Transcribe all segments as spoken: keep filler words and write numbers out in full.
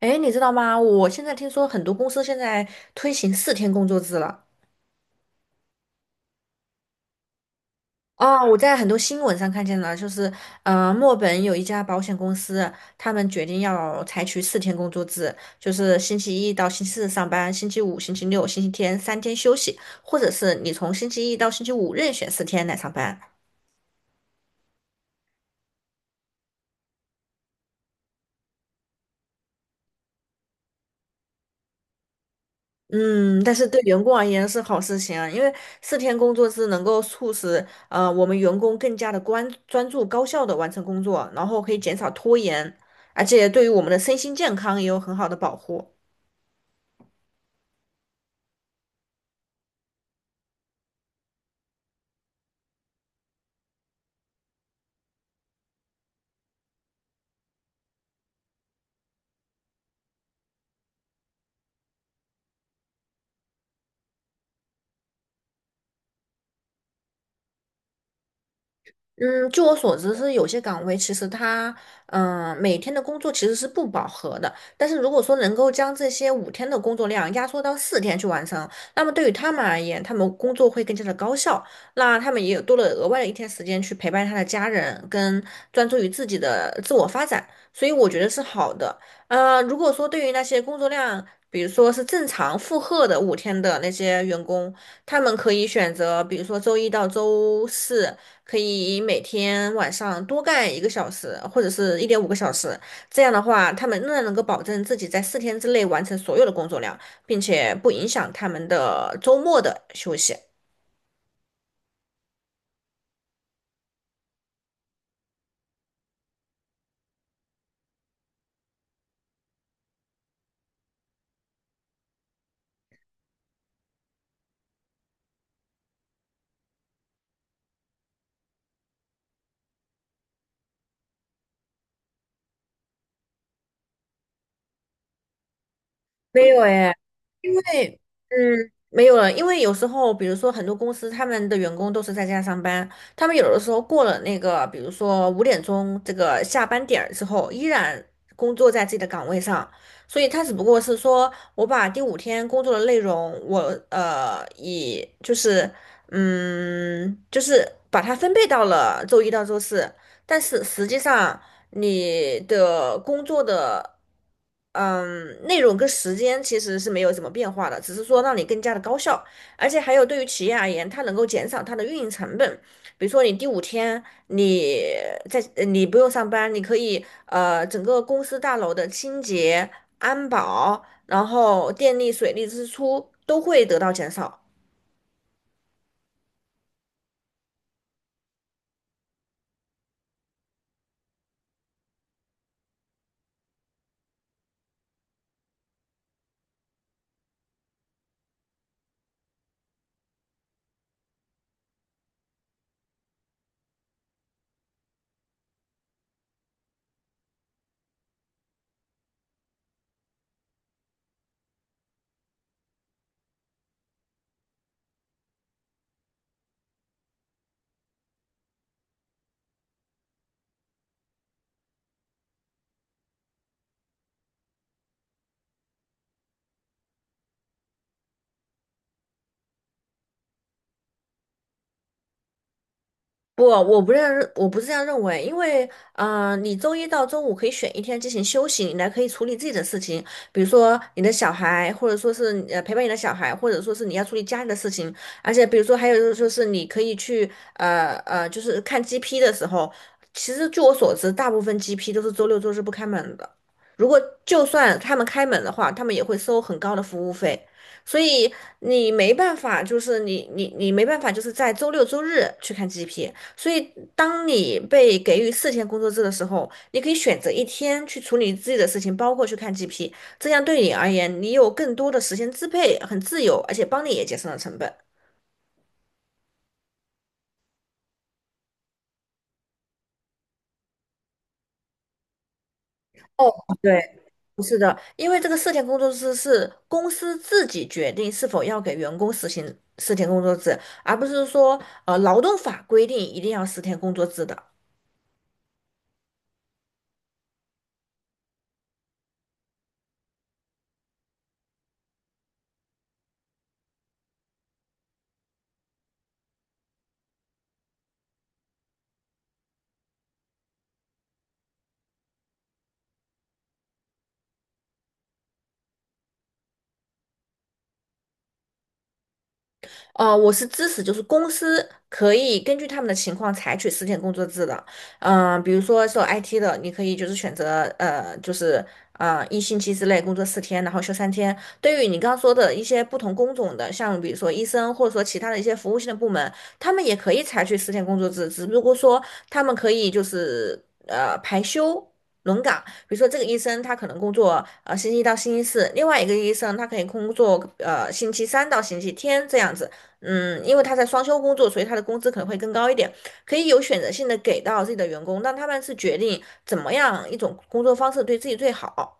哎，你知道吗？我现在听说很多公司现在推行四天工作制了。啊！我在很多新闻上看见了，就是，呃，墨尔本有一家保险公司，他们决定要采取四天工作制，就是星期一到星期四上班，星期五、星期六、星期天三天休息，或者是你从星期一到星期五任选四天来上班。嗯，但是对员工而言是好事情啊，因为四天工作制能够促使呃我们员工更加的关专注、高效的完成工作，然后可以减少拖延，而且对于我们的身心健康也有很好的保护。嗯，据我所知是有些岗位其实他，嗯、每天的工作其实是不饱和的。但是如果说能够将这些五天的工作量压缩到四天去完成，那么对于他们而言，他们工作会更加的高效。那他们也有多了额外的一天时间去陪伴他的家人，跟专注于自己的自我发展。所以我觉得是好的。呃，如果说对于那些工作量，比如说是正常负荷的五天的那些员工，他们可以选择，比如说周一到周四。可以每天晚上多干一个小时，或者是一点五个小时。这样的话，他们仍然能够保证自己在四天之内完成所有的工作量，并且不影响他们的周末的休息。没有诶，因为嗯，没有了，因为有时候，比如说很多公司他们的员工都是在家上班，他们有的时候过了那个，比如说五点钟这个下班点儿之后，依然工作在自己的岗位上，所以他只不过是说我把第五天工作的内容，我呃以就是嗯就是把它分配到了周一到周四，但是实际上你的工作的。嗯，内容跟时间其实是没有什么变化的，只是说让你更加的高效，而且还有对于企业而言，它能够减少它的运营成本。比如说你第五天你在呃你不用上班，你可以呃整个公司大楼的清洁、安保，然后电力、水利支出都会得到减少。不，我不认，我不是这样认为，因为，呃，你周一到周五可以选一天进行休息，你来可以处理自己的事情，比如说你的小孩，或者说是呃陪伴你的小孩，或者说是你要处理家里的事情，而且比如说还有就是说是你可以去，呃呃，就是看 G P 的时候，其实据我所知，大部分 G P 都是周六周日不开门的，如果就算他们开门的话，他们也会收很高的服务费。所以你没办法，就是你你你没办法，就是在周六周日去看 G P。所以，当你被给予四天工作制的时候，你可以选择一天去处理自己的事情，包括去看 G P，这样对你而言，你有更多的时间支配，很自由，而且帮你也节省了成本。哦，对，不是的，因为这个四天工作制是公司自己决定是否要给员工实行四天工作制，而不是说呃劳动法规定一定要四天工作制的。呃，我是支持，就是公司可以根据他们的情况采取十天工作制的。嗯、比如说做 I T 的，你可以就是选择呃，就是呃一星期之内工作四天，然后休三天。对于你刚刚说的一些不同工种的，像比如说医生或者说其他的一些服务性的部门，他们也可以采取十天工作制，只不过说他们可以就是呃排休。轮岗，比如说这个医生他可能工作呃星期一到星期四，另外一个医生他可以工作呃星期三到星期天这样子。嗯，因为他在双休工作，所以他的工资可能会更高一点，可以有选择性的给到自己的员工，让他们是决定怎么样一种工作方式对自己最好。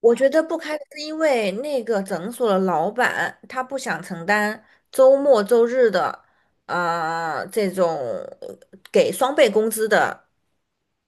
我觉得不开是因为那个诊所的老板他不想承担周末、周日的，啊这种呃给双倍工资的，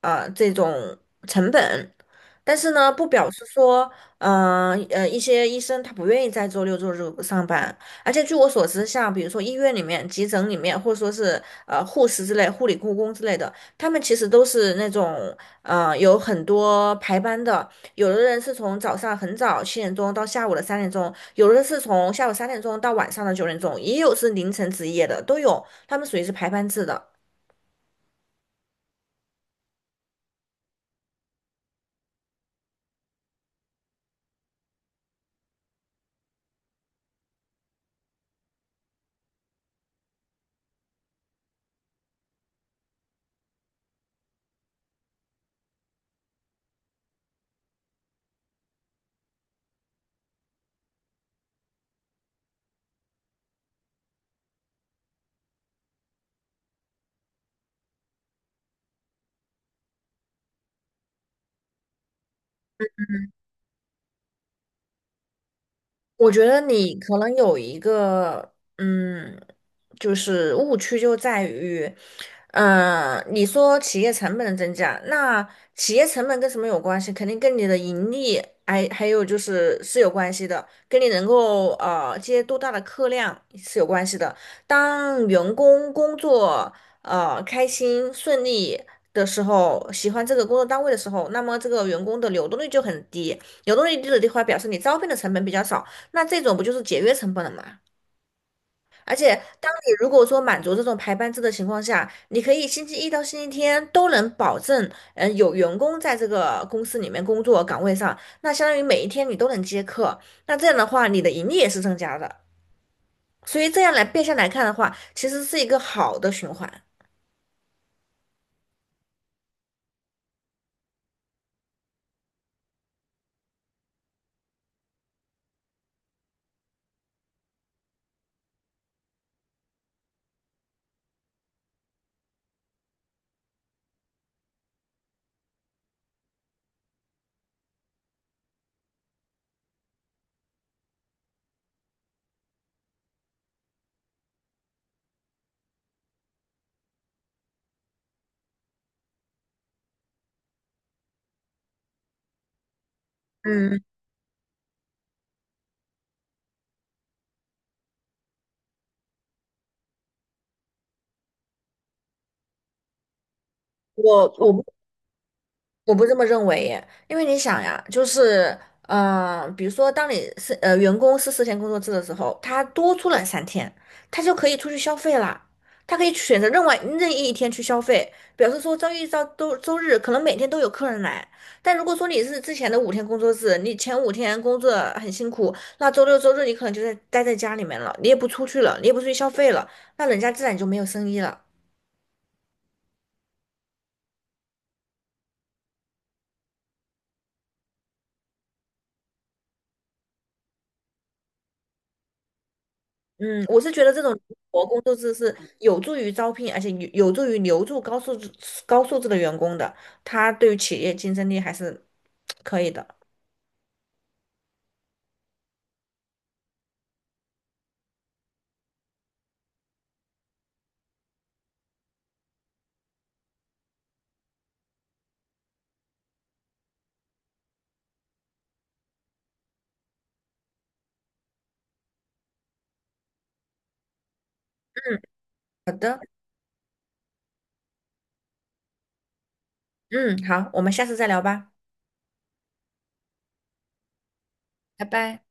啊这种成本。但是呢，不表示说，呃呃，一些医生他不愿意在周六周日上班。而且据我所知，像比如说医院里面、急诊里面，或者说是呃护士之类、护理护工之类的，他们其实都是那种。嗯、呃有很多排班的，有的人是从早上很早七点钟到下午的三点钟，有的是从下午三点钟到晚上的九点钟，也有是凌晨值夜的，都有，他们属于是排班制的。我觉得你可能有一个，嗯，就是误区就在于。嗯，你说企业成本的增加，那企业成本跟什么有关系？肯定跟你的盈利，还还有就是是有关系的，跟你能够呃接多大的客量是有关系的。当员工工作呃开心顺利的时候，喜欢这个工作单位的时候，那么这个员工的流动率就很低，流动率低的地方表示你招聘的成本比较少，那这种不就是节约成本了吗？而且，当你如果说满足这种排班制的情况下，你可以星期一到星期天都能保证，嗯，有员工在这个公司里面工作岗位上，那相当于每一天你都能接客，那这样的话，你的盈利也是增加的。所以这样来变相来看的话，其实是一个好的循环。嗯，我我不我不这么认为耶，因为你想呀，就是，嗯、比如说，当你是呃员工是四天工作制的时候，他多出了三天，他就可以出去消费啦，他可以选择另外任意一天去消费，表示说周一到周周日可能每天都有客人来。但如果说你是之前的五天工作制，你前五天工作很辛苦，那周六周日你可能就在待在家里面了，你也不出去了，你也不出去消费了，那人家自然就没有生意了。嗯，我是觉得这种活工作制是有助于招聘，而且有有助于留住高素质、高素质的员工的，他对于企业竞争力还是可以的。嗯，好的，嗯，好，我们下次再聊吧。拜拜。